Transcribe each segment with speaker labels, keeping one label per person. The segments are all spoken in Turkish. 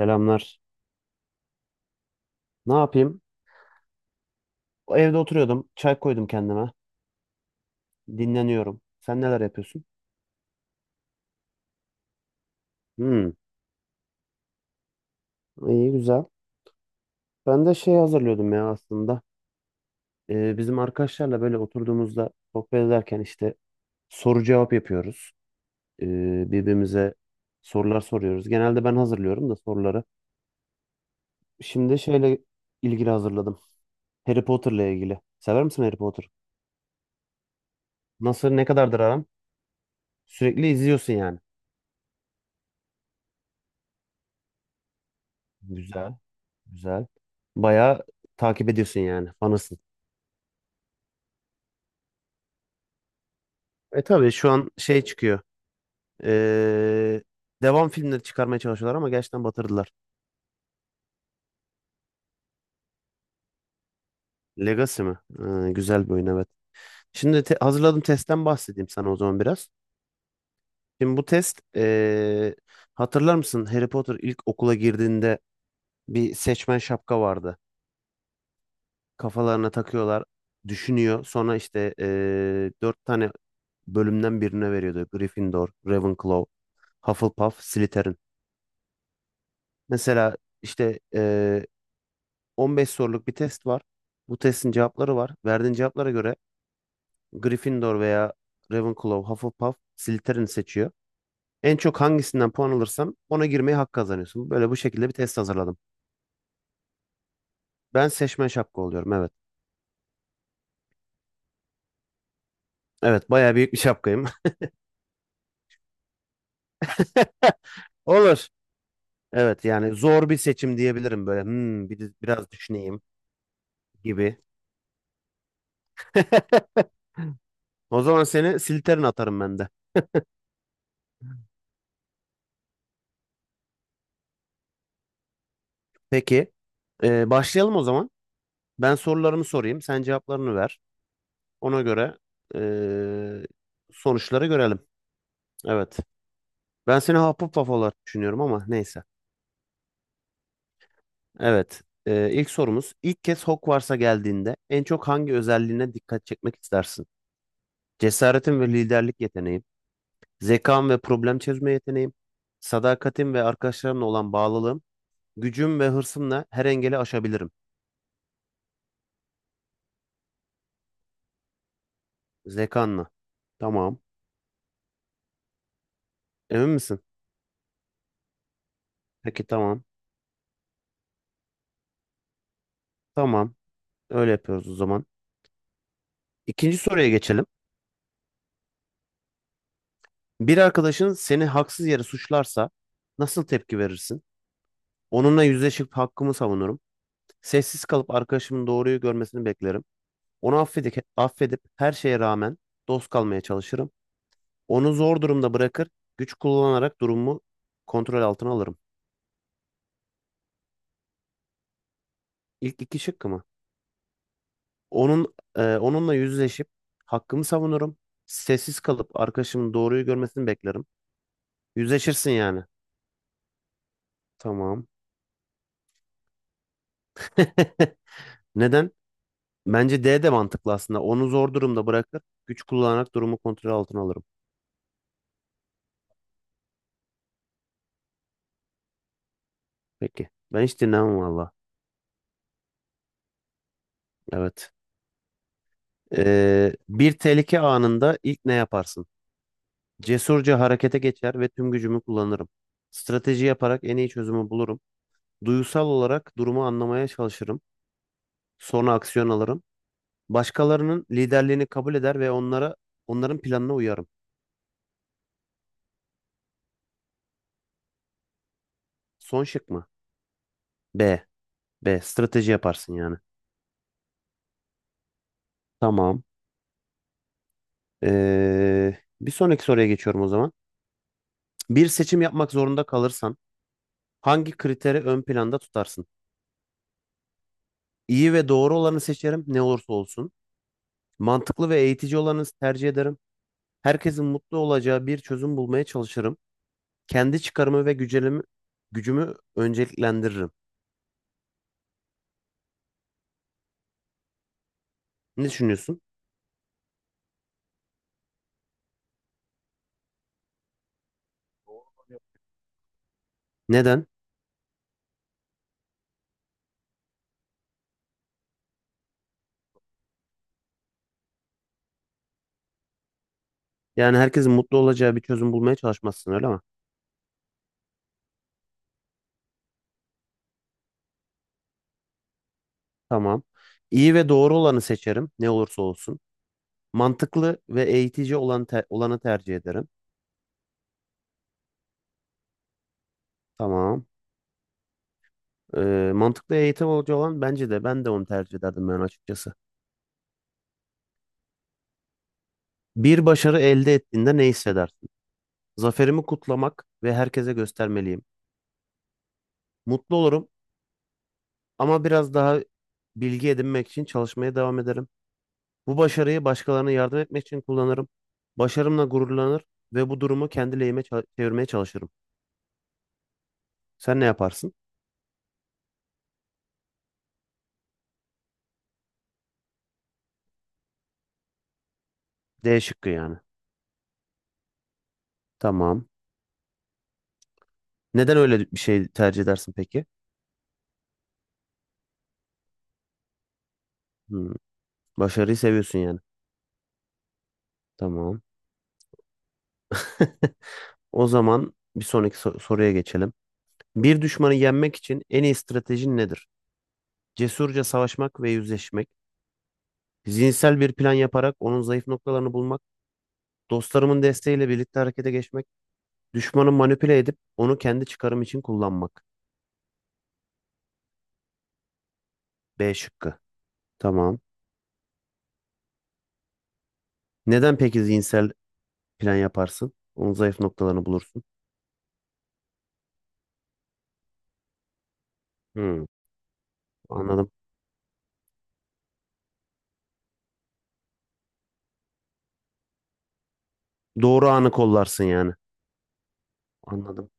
Speaker 1: Selamlar. Ne yapayım? Evde oturuyordum. Çay koydum kendime. Dinleniyorum. Sen neler yapıyorsun? Hmm. İyi güzel. Ben de şey hazırlıyordum ya aslında. Bizim arkadaşlarla böyle oturduğumuzda sohbet ederken işte soru cevap yapıyoruz. Birbirimize sorular soruyoruz. Genelde ben hazırlıyorum da soruları. Şimdi şeyle ilgili hazırladım. Harry Potter'la ilgili. Sever misin Harry Potter? Nasıl ne kadardır aran? Sürekli izliyorsun yani. Güzel. Güzel. Bayağı takip ediyorsun yani. Fanısın. E tabii şu an şey çıkıyor. Ee, Devam filmleri çıkarmaya çalışıyorlar ama gerçekten batırdılar. Legacy mi? Güzel bir oyun, evet. Şimdi hazırladığım testten bahsedeyim sana o zaman biraz. Şimdi bu test, hatırlar mısın? Harry Potter ilk okula girdiğinde bir seçmen şapka vardı. Kafalarına takıyorlar. Düşünüyor. Sonra işte dört tane bölümden birine veriyordu. Gryffindor, Ravenclaw, Hufflepuff, Slytherin. Mesela işte 15 soruluk bir test var. Bu testin cevapları var. Verdiğin cevaplara göre Gryffindor veya Ravenclaw, Hufflepuff, Slytherin seçiyor. En çok hangisinden puan alırsam ona girmeyi hak kazanıyorsun. Böyle bu şekilde bir test hazırladım. Ben seçmen şapka oluyorum, evet. Evet, bayağı büyük bir şapkayım. Olur. Evet, yani zor bir seçim diyebilirim böyle. Hmm, bir de biraz düşüneyim gibi. O zaman seni Slytherin atarım ben de. Peki. Başlayalım o zaman. Ben sorularımı sorayım. Sen cevaplarını ver. Ona göre eee, sonuçları görelim. Evet. Ben seni Hufflepuff olarak düşünüyorum ama neyse. Evet. İlk sorumuz. İlk kez Hogwarts'a geldiğinde en çok hangi özelliğine dikkat çekmek istersin? Cesaretin ve liderlik yeteneğim, zekam ve problem çözme yeteneğim, sadakatim ve arkadaşlarımla olan bağlılığım, gücüm ve hırsımla her engeli aşabilirim. Zekanla. Tamam. Emin misin? Peki, tamam. Tamam. Öyle yapıyoruz o zaman. İkinci soruya geçelim. Bir arkadaşın seni haksız yere suçlarsa nasıl tepki verirsin? Onunla yüzleşip hakkımı savunurum. Sessiz kalıp arkadaşımın doğruyu görmesini beklerim. Onu affedip her şeye rağmen dost kalmaya çalışırım. Onu zor durumda bırakır, güç kullanarak durumu kontrol altına alırım. İlk iki şıkkı mı? Onun, onunla yüzleşip hakkımı savunurum. Sessiz kalıp arkadaşımın doğruyu görmesini beklerim. Yüzleşirsin yani. Tamam. Neden? Bence D de mantıklı aslında. Onu zor durumda bırakır. Güç kullanarak durumu kontrol altına alırım. Peki. Ben hiç dinlemem valla. Evet. Bir tehlike anında ilk ne yaparsın? Cesurca harekete geçer ve tüm gücümü kullanırım. Strateji yaparak en iyi çözümü bulurum. Duygusal olarak durumu anlamaya çalışırım. Sonra aksiyon alırım. Başkalarının liderliğini kabul eder ve onların planına uyarım. Son şık mı? B. B. Strateji yaparsın yani. Tamam. Bir sonraki soruya geçiyorum o zaman. Bir seçim yapmak zorunda kalırsan hangi kriteri ön planda tutarsın? İyi ve doğru olanı seçerim ne olursa olsun. Mantıklı ve eğitici olanı tercih ederim. Herkesin mutlu olacağı bir çözüm bulmaya çalışırım. Kendi çıkarımı ve gücelimi, Gücümü önceliklendiririm. Ne düşünüyorsun? Neden? Yani herkesin mutlu olacağı bir çözüm bulmaya çalışmazsın öyle mi? Tamam. İyi ve doğru olanı seçerim ne olursa olsun. Mantıklı ve eğitici olanı tercih ederim. Tamam. Mantıklı eğitim hoca olan bence de, ben de onu tercih ederdim ben açıkçası. Bir başarı elde ettiğinde ne hissedersin? Zaferimi kutlamak ve herkese göstermeliyim. Mutlu olurum ama biraz daha bilgi edinmek için çalışmaya devam ederim. Bu başarıyı başkalarına yardım etmek için kullanırım. Başarımla gururlanır ve bu durumu kendi lehime çevirmeye çalışırım. Sen ne yaparsın? D şıkkı yani. Tamam. Neden öyle bir şey tercih edersin peki? Hmm, başarıyı seviyorsun yani. Tamam. O zaman bir sonraki soruya geçelim. Bir düşmanı yenmek için en iyi stratejin nedir? Cesurca savaşmak ve yüzleşmek, zihinsel bir plan yaparak onun zayıf noktalarını bulmak, dostlarımın desteğiyle birlikte harekete geçmek, düşmanı manipüle edip onu kendi çıkarım için kullanmak. B şıkkı. Tamam. Neden peki zihinsel plan yaparsın? Onun zayıf noktalarını bulursun. Hmm, anladım. Doğru anı kollarsın yani. Anladım.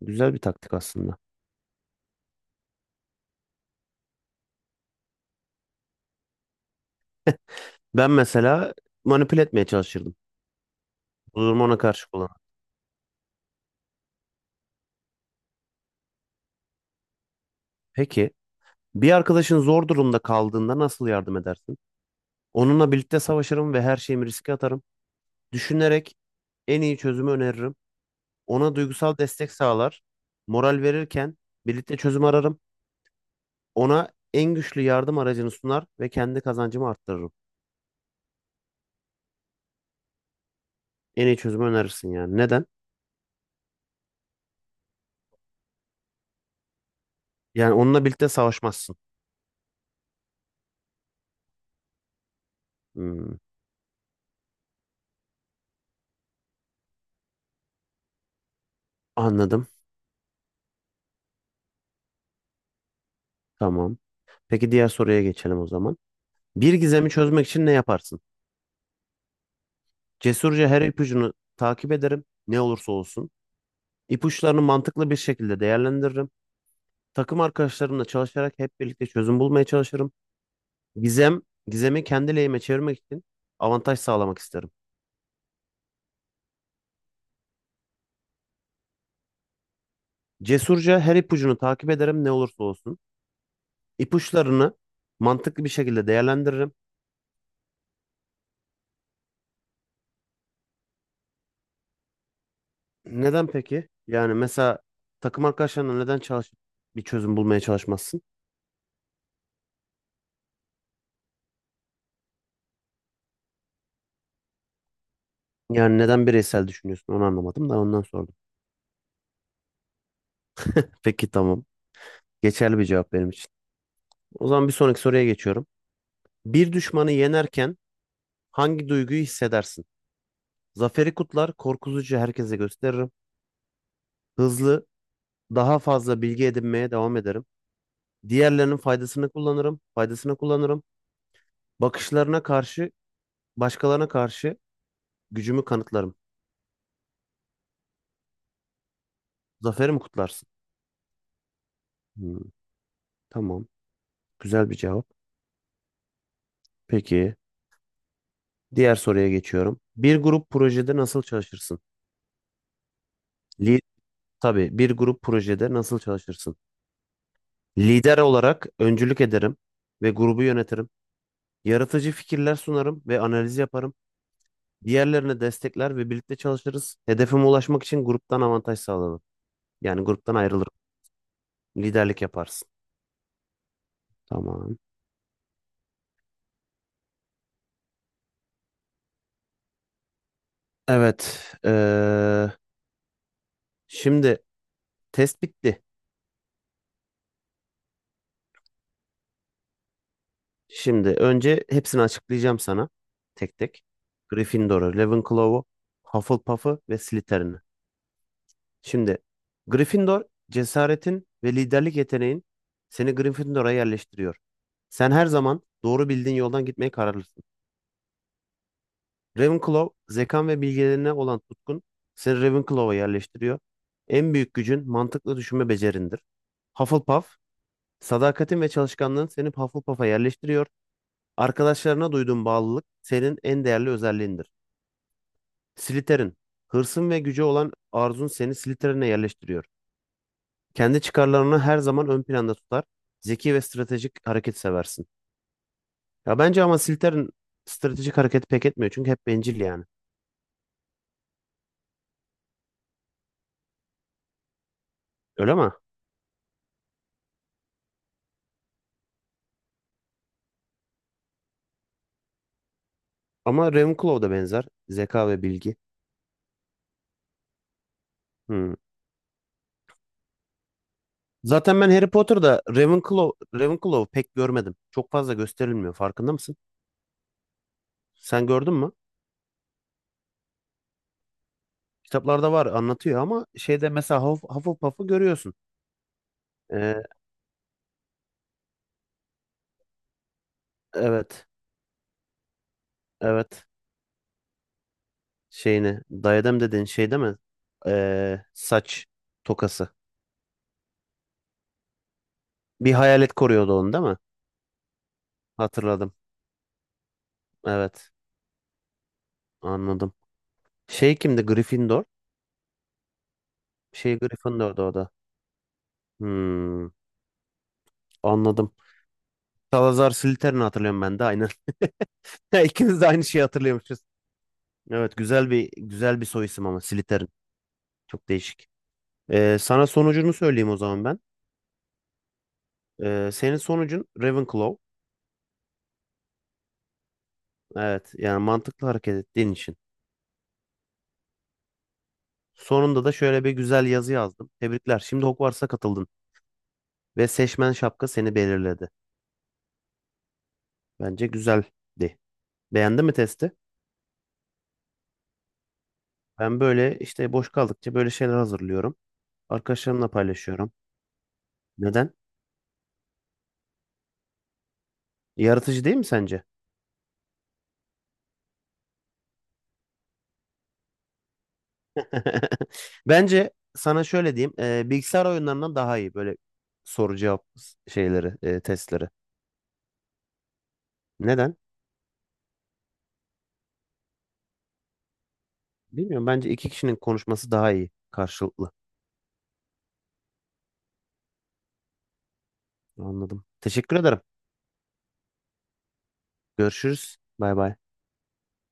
Speaker 1: Güzel bir taktik aslında. Ben mesela manipüle etmeye çalışırdım. Bu durumu ona karşı kullanırdım. Peki, bir arkadaşın zor durumda kaldığında nasıl yardım edersin? Onunla birlikte savaşırım ve her şeyimi riske atarım. Düşünerek en iyi çözümü öneririm. Ona duygusal destek sağlar. Moral verirken birlikte çözüm ararım. Ona en güçlü yardım aracını sunar ve kendi kazancımı arttırırım. En iyi çözümü önerirsin yani. Neden? Yani onunla birlikte savaşmazsın. Hmm, anladım. Tamam. Peki, diğer soruya geçelim o zaman. Bir gizemi çözmek için ne yaparsın? Cesurca her ipucunu takip ederim. Ne olursa olsun. İpuçlarını mantıklı bir şekilde değerlendiririm. Takım arkadaşlarımla çalışarak hep birlikte çözüm bulmaya çalışırım. Gizem, Gizemi kendi lehime çevirmek için avantaj sağlamak isterim. Cesurca her ipucunu takip ederim ne olursa olsun. İpuçlarını mantıklı bir şekilde değerlendiririm. Neden peki? Yani mesela takım arkadaşlarına neden çalışıp bir çözüm bulmaya çalışmazsın? Yani neden bireysel düşünüyorsun, onu anlamadım da ondan sordum. Peki, tamam. Geçerli bir cevap benim için. O zaman bir sonraki soruya geçiyorum. Bir düşmanı yenerken hangi duyguyu hissedersin? Zaferi kutlar, korkutucu herkese gösteririm. Hızlı, daha fazla bilgi edinmeye devam ederim. Faydasını kullanırım. Bakışlarına karşı, Başkalarına karşı gücümü kanıtlarım. Zaferi mi kutlarsın? Hmm, tamam, güzel bir cevap. Peki, diğer soruya geçiyorum. Bir grup projede nasıl çalışırsın? Li tabii, bir grup projede nasıl çalışırsın? Lider olarak öncülük ederim ve grubu yönetirim. Yaratıcı fikirler sunarım ve analiz yaparım. Diğerlerine destekler ve birlikte çalışırız. Hedefime ulaşmak için gruptan avantaj sağlarım. Yani gruptan ayrılırım. Liderlik yaparsın. Tamam. Evet. Şimdi test bitti. Şimdi önce hepsini açıklayacağım sana. Tek tek. Gryffindor'u, Ravenclaw'u, Hufflepuff'u ve Slytherin'i. Şimdi Gryffindor, cesaretin ve liderlik yeteneğin seni Gryffindor'a yerleştiriyor. Sen her zaman doğru bildiğin yoldan gitmeye kararlısın. Ravenclaw, zekan ve bilgelerine olan tutkun seni Ravenclaw'a yerleştiriyor. En büyük gücün mantıklı düşünme becerindir. Hufflepuff, sadakatin ve çalışkanlığın seni Hufflepuff'a yerleştiriyor. Arkadaşlarına duyduğun bağlılık senin en değerli özelliğindir. Slytherin, hırsın ve gücü olan arzun seni Slytherin'e yerleştiriyor. Kendi çıkarlarını her zaman ön planda tutar. Zeki ve stratejik hareket seversin. Ya bence ama Slytherin stratejik hareket pek etmiyor çünkü hep bencil yani. Öyle mi? Ama Ravenclaw da benzer. Zeka ve bilgi. Hmm. Zaten ben Harry Potter'da Ravenclaw pek görmedim. Çok fazla gösterilmiyor. Farkında mısın? Sen gördün mü? Kitaplarda var, anlatıyor ama şeyde mesela Hufflepuff'ı görüyorsun. Ee, evet. Evet. Şeyini. Diadem dediğin şey değil mi? Saç tokası. Bir hayalet koruyordu onu değil mi? Hatırladım. Evet. Anladım. Şey kimdi? Gryffindor. Şey Gryffindor'da o da. Hmm, anladım. Salazar Slytherin'i hatırlıyorum ben de aynen. İkimiz de aynı şeyi hatırlıyormuşuz. Evet, güzel bir soy isim ama Slytherin. Çok değişik. Sana sonucunu söyleyeyim o zaman ben. Senin sonucun Ravenclaw. Evet, yani mantıklı hareket ettiğin için. Sonunda da şöyle bir güzel yazı yazdım. Tebrikler. Şimdi Hogwarts'a katıldın ve seçmen şapka seni belirledi. Bence güzeldi. Beğendin mi testi? Ben böyle işte boş kaldıkça böyle şeyler hazırlıyorum. Arkadaşlarımla paylaşıyorum. Neden? Yaratıcı değil mi sence? Bence sana şöyle diyeyim. Bilgisayar oyunlarından daha iyi böyle soru cevap şeyleri, testleri. Neden? Bilmiyorum. Bence iki kişinin konuşması daha iyi karşılıklı. Anladım. Teşekkür ederim. Görüşürüz. Bay bay.